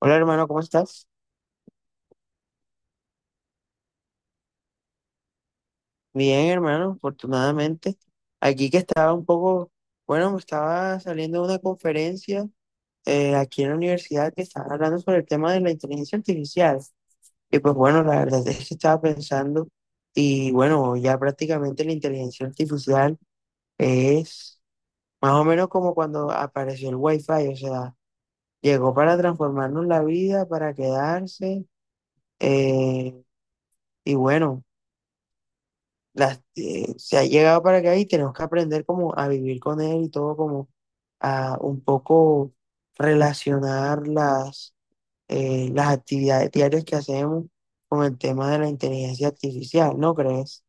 Hola hermano, ¿cómo estás? Bien hermano, afortunadamente. Aquí que estaba un poco, bueno, me estaba saliendo de una conferencia aquí en la universidad que estaba hablando sobre el tema de la inteligencia artificial. Y pues bueno, la verdad es que estaba pensando y bueno, ya prácticamente la inteligencia artificial es más o menos como cuando apareció el Wi-Fi, o sea, llegó para transformarnos la vida, para quedarse eh, y bueno, las se ha llegado para acá y tenemos que aprender como a vivir con él y todo como a un poco relacionar las las actividades diarias que hacemos con el tema de la inteligencia artificial, ¿no crees?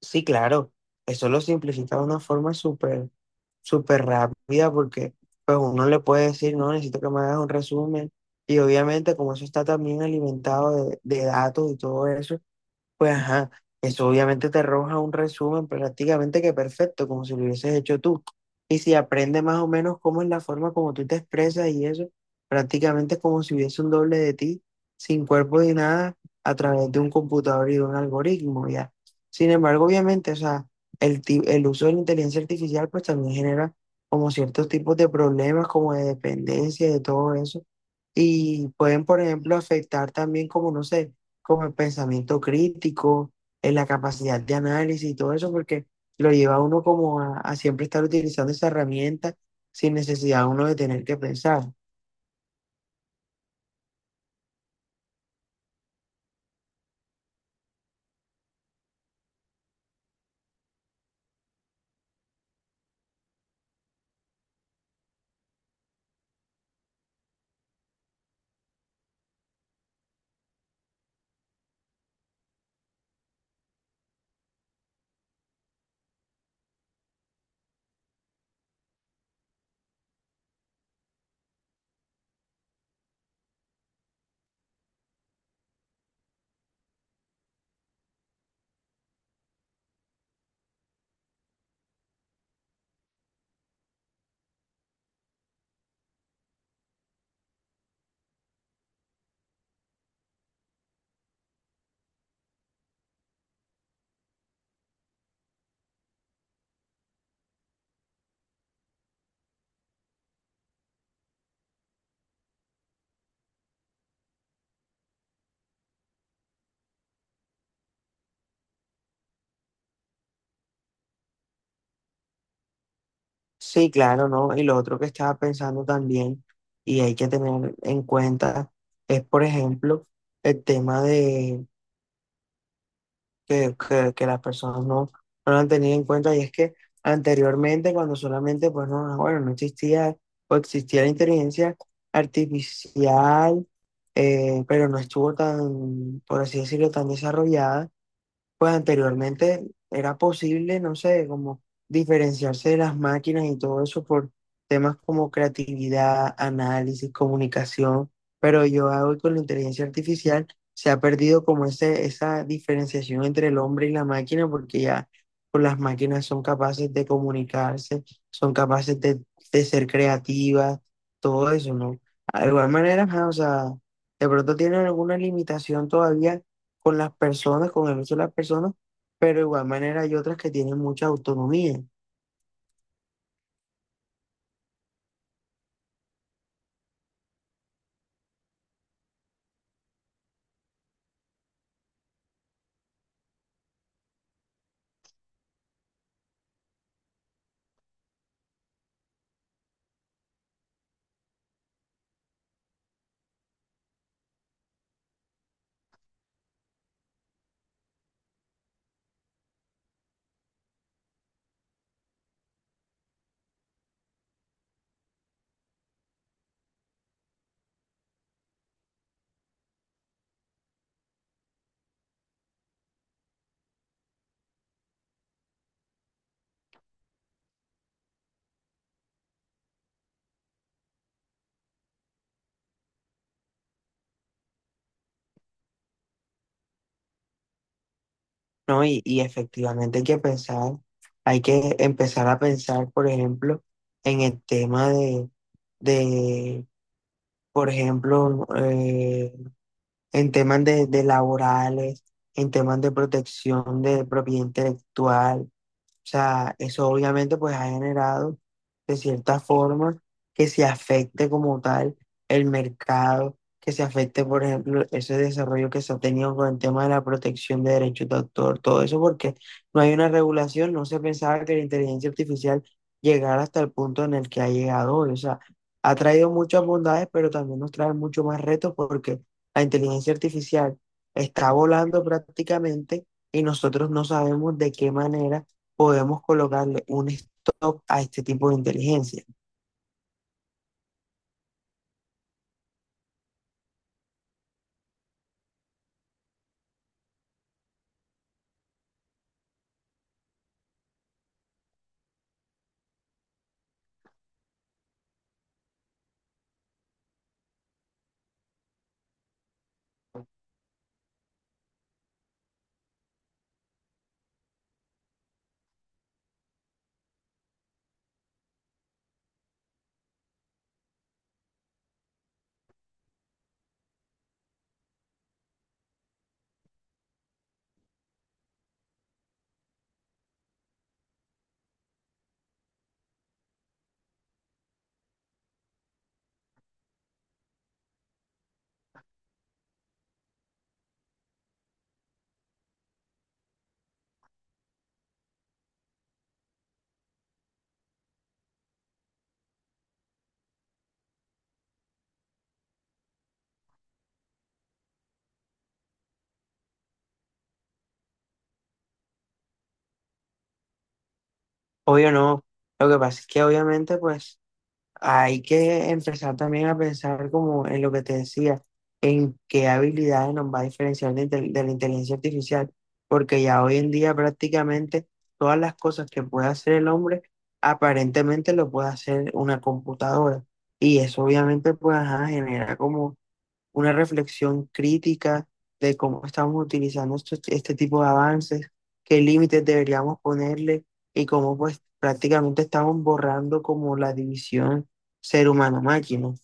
Sí, claro, eso lo simplifica de una forma súper, súper rápida porque pues uno le puede decir, no, necesito que me hagas un resumen y obviamente como eso está también alimentado de datos y todo eso. Pues ajá, eso obviamente te arroja un resumen prácticamente que perfecto, como si lo hubieses hecho tú. Y si aprende más o menos cómo es la forma como tú te expresas y eso, prácticamente es como si hubiese un doble de ti, sin cuerpo ni nada, a través de un computador y de un algoritmo, ya. Sin embargo, obviamente, o sea, el uso de la inteligencia artificial pues también genera como ciertos tipos de problemas, como de dependencia, de todo eso. Y pueden, por ejemplo, afectar también como, no sé, como el pensamiento crítico, en la capacidad de análisis y todo eso, porque lo lleva a uno como a siempre estar utilizando esa herramienta sin necesidad uno de tener que pensar. Sí, claro, ¿no? Y lo otro que estaba pensando también y hay que tener en cuenta es, por ejemplo, el tema de que las personas no lo han tenido en cuenta y es que anteriormente cuando solamente pues no, ah, bueno, no existía o existía la inteligencia artificial, pero no estuvo tan, por así decirlo, tan desarrollada, pues anteriormente era posible, no sé, como diferenciarse de las máquinas y todo eso por temas como creatividad, análisis, comunicación, pero yo hoy con la inteligencia artificial se ha perdido como esa diferenciación entre el hombre y la máquina porque ya pues las máquinas son capaces de comunicarse, son capaces de ser creativas, todo eso, ¿no? Ah, de igual manera, ajá, o sea, de pronto tienen alguna limitación todavía con las personas, con el uso de las personas, pero de igual manera hay otras que tienen mucha autonomía, ¿no? Y efectivamente hay que pensar, hay que empezar a pensar, por ejemplo, en el tema de, por ejemplo, en temas de laborales, en temas de protección de propiedad intelectual. O sea, eso obviamente pues ha generado de cierta forma que se afecte como tal el mercado, que se afecte, por ejemplo, ese desarrollo que se ha tenido con el tema de la protección de derechos de autor, todo eso porque no hay una regulación, no se pensaba que la inteligencia artificial llegara hasta el punto en el que ha llegado hoy. O sea, ha traído muchas bondades, pero también nos trae mucho más retos porque la inteligencia artificial está volando prácticamente y nosotros no sabemos de qué manera podemos colocarle un stop a este tipo de inteligencia. Obvio no. Lo que pasa es que obviamente pues hay que empezar también a pensar como en lo que te decía, en qué habilidades nos va a diferenciar de la inteligencia artificial, porque ya hoy en día prácticamente todas las cosas que puede hacer el hombre aparentemente lo puede hacer una computadora. Y eso obviamente pues ajá, genera como una reflexión crítica de cómo estamos utilizando este tipo de avances, qué límites deberíamos ponerle y cómo pues prácticamente estamos borrando como la división ser humano-máquina.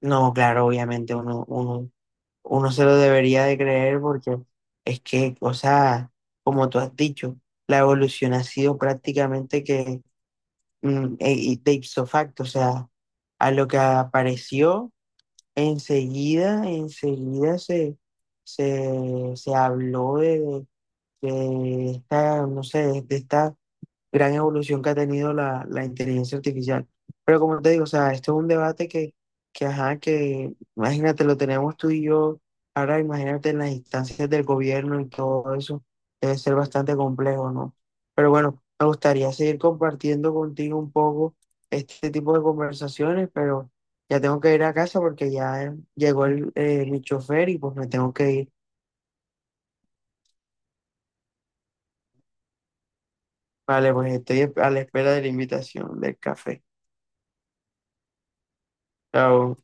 No, claro, obviamente uno, uno, uno se lo debería de creer porque es que, o sea, como tú has dicho, la evolución ha sido prácticamente que y de ipso facto, o sea, a lo que apareció enseguida, enseguida se habló de esta, no sé, de esta gran evolución que ha tenido la inteligencia artificial. Pero como te digo, o sea, esto es un debate ajá, que imagínate, lo tenemos tú y yo, ahora imagínate en las instancias del gobierno y todo eso, debe ser bastante complejo, ¿no? Pero bueno, me gustaría seguir compartiendo contigo un poco este tipo de conversaciones, pero ya tengo que ir a casa porque ya llegó mi chofer y pues me tengo que ir. Vale, pues estoy a la espera de la invitación del café. Chao.